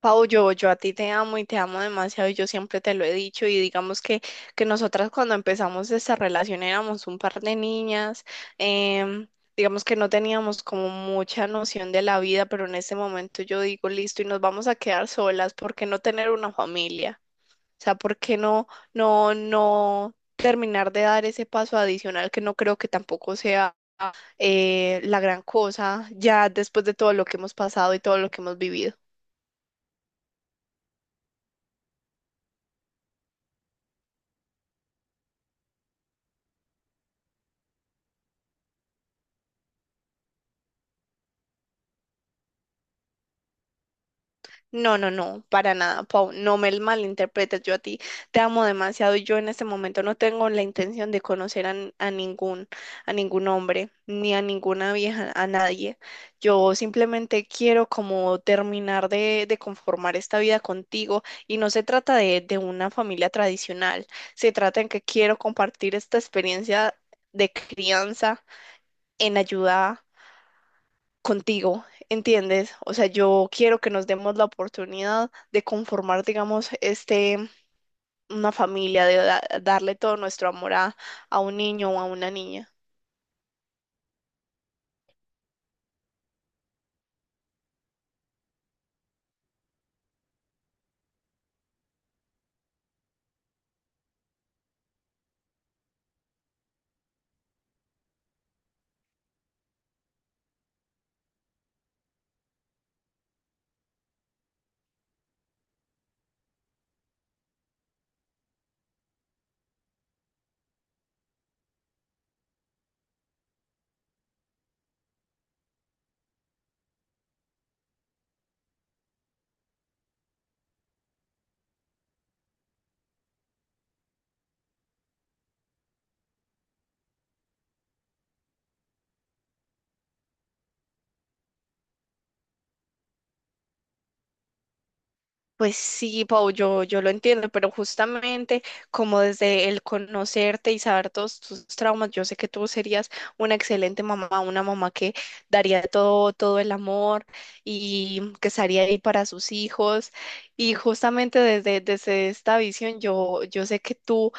Pau, yo a ti te amo y te amo demasiado y yo siempre te lo he dicho y digamos que nosotras cuando empezamos esta relación éramos un par de niñas, em, digamos que no teníamos como mucha noción de la vida, pero en este momento yo digo, listo, y nos vamos a quedar solas, ¿por qué no tener una familia? O sea, ¿por qué no terminar de dar ese paso adicional que no creo que tampoco sea la gran cosa ya después de todo lo que hemos pasado y todo lo que hemos vivido? No, no, no, para nada, Pau, no me malinterpretes, yo a ti te amo demasiado y yo en este momento no tengo la intención de conocer a, a ningún hombre, ni a ninguna vieja, a nadie. Yo simplemente quiero como terminar de conformar esta vida contigo y no se trata de una familia tradicional, se trata en que quiero compartir esta experiencia de crianza en ayuda contigo, ¿entiendes? O sea, yo quiero que nos demos la oportunidad de conformar, digamos, este, una familia, de darle todo nuestro amor a un niño o a una niña. Pues sí, Pau, yo lo entiendo, pero justamente como desde el conocerte y saber todos tus traumas, yo sé que tú serías una excelente mamá, una mamá que daría todo, todo el amor y que estaría ahí para sus hijos. Y justamente desde esta visión, yo sé que tú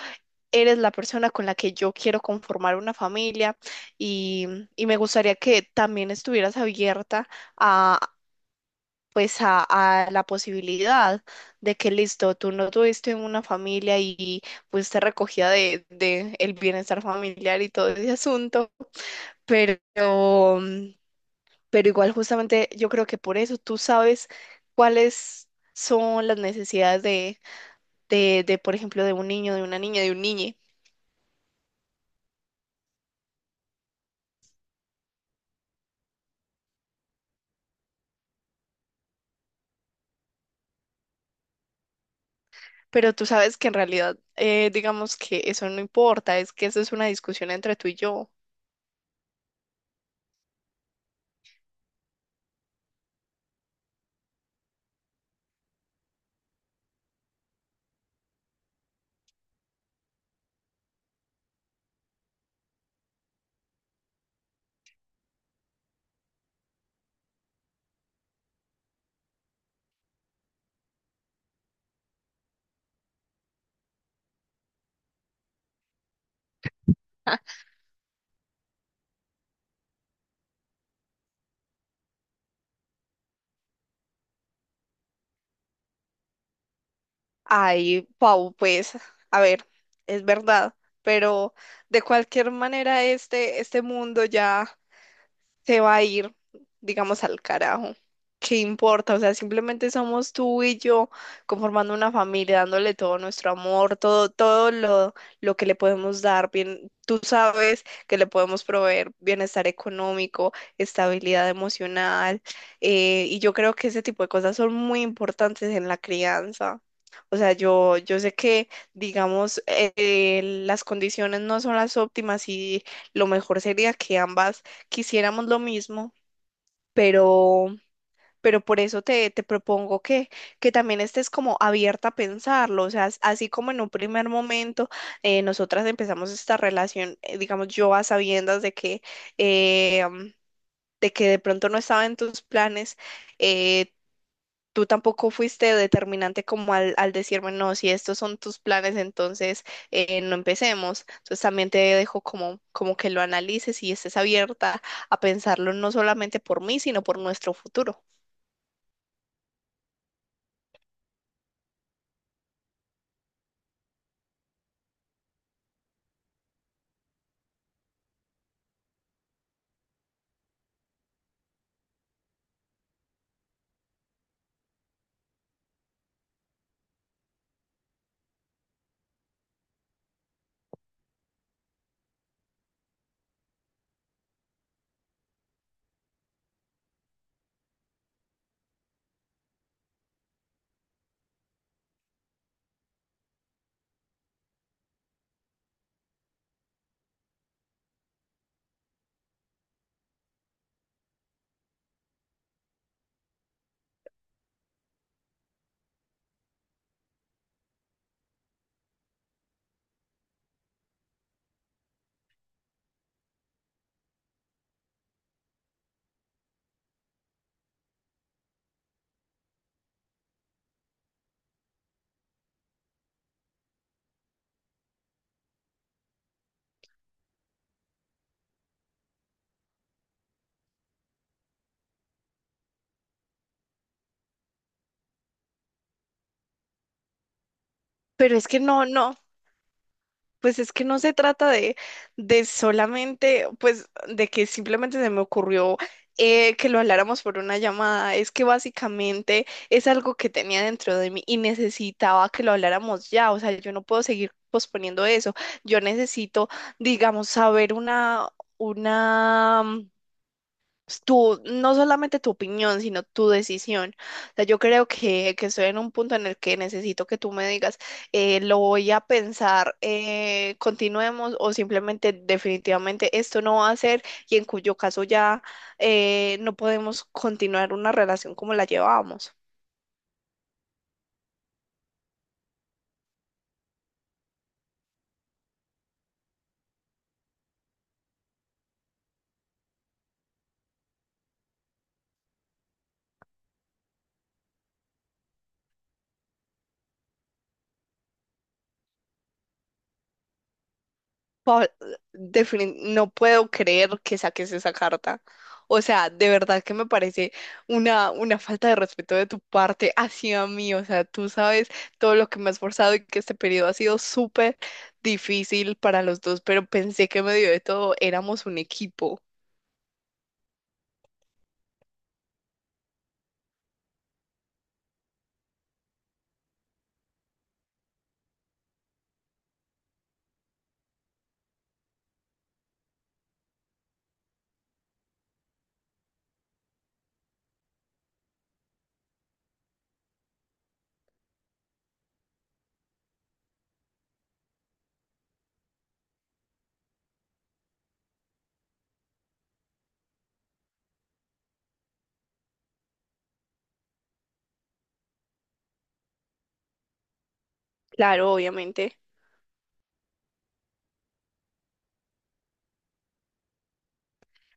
eres la persona con la que yo quiero conformar una familia y, y me gustaría que también estuvieras abierta a, pues a la posibilidad de que listo, tú no tuviste una familia y fuiste recogida de el bienestar familiar y todo ese asunto, pero, pero igual justamente yo creo que por eso tú sabes cuáles son las necesidades de, por ejemplo, de un niño, de una niña, de un niñe. Pero tú sabes que en realidad, digamos que eso no importa, es que eso es una discusión entre tú y yo. Ay, Pau, pues, a ver, es verdad, pero de cualquier manera este mundo ya se va a ir, digamos, al carajo. ¿Qué importa? O sea, simplemente somos tú y yo conformando una familia, dándole todo nuestro amor, todo, lo que le podemos dar. Bien, tú sabes que le podemos proveer bienestar económico, estabilidad emocional, y yo creo que ese tipo de cosas son muy importantes en la crianza. O sea, yo sé que, digamos, las condiciones no son las óptimas y lo mejor sería que ambas quisiéramos lo mismo, pero, pero por eso te, te propongo que también estés como abierta a pensarlo, o sea, así como en un primer momento nosotras empezamos esta relación, digamos, yo a sabiendas de que eh, de que de pronto no estaba en tus planes, eh, tú tampoco fuiste determinante como al decirme, no, si estos son tus planes, entonces no empecemos. Entonces también te dejo como, como que lo analices y estés abierta a pensarlo no solamente por mí, sino por nuestro futuro. Pero es que no. Pues es que no se trata de solamente, pues, de que simplemente se me ocurrió que lo habláramos por una llamada. Es que básicamente es algo que tenía dentro de mí y necesitaba que lo habláramos ya. O sea, yo no puedo seguir posponiendo eso. Yo necesito, digamos, saber una, una no solamente tu opinión, sino tu decisión. O sea, yo creo que estoy en un punto en el que necesito que tú me digas, lo voy a pensar, continuemos o simplemente definitivamente esto no va a ser y en cuyo caso ya no podemos continuar una relación como la llevábamos. Defini- no puedo creer que saques esa carta. O sea, de verdad que me parece una falta de respeto de tu parte hacia mí. O sea, tú sabes todo lo que me he esforzado y que este periodo ha sido súper difícil para los dos, pero pensé que medio de todo éramos un equipo. Claro, obviamente.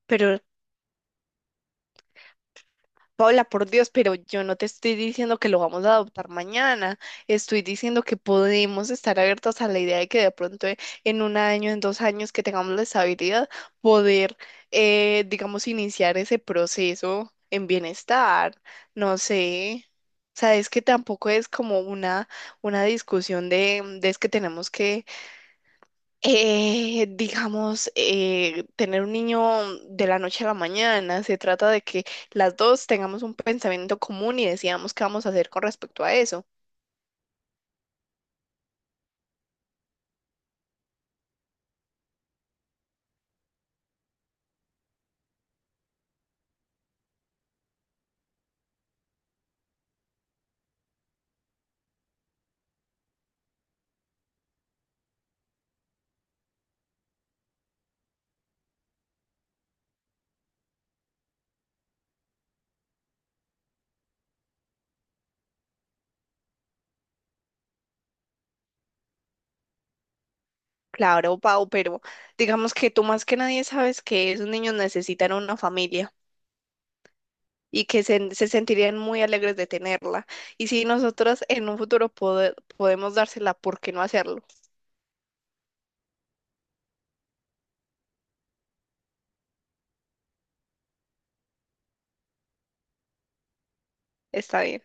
Pero Paula, por Dios, pero yo no te estoy diciendo que lo vamos a adoptar mañana, estoy diciendo que podemos estar abiertos a la idea de que de pronto en un año, en dos años que tengamos la estabilidad, poder, digamos, iniciar ese proceso en bienestar, no sé. Sabes que tampoco es como una discusión de, de es que tenemos que digamos, tener un niño de la noche a la mañana. Se trata de que las dos tengamos un pensamiento común y decidamos qué vamos a hacer con respecto a eso. Claro, Pau, pero digamos que tú más que nadie sabes que esos niños necesitan una familia y que se sentirían muy alegres de tenerla. Y si nosotros en un futuro podemos dársela, ¿por qué no hacerlo? Está bien.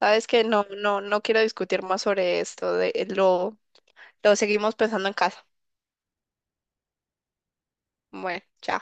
Sabes que no, no, no quiero discutir más sobre esto, de, lo seguimos pensando en casa. Bueno, chao.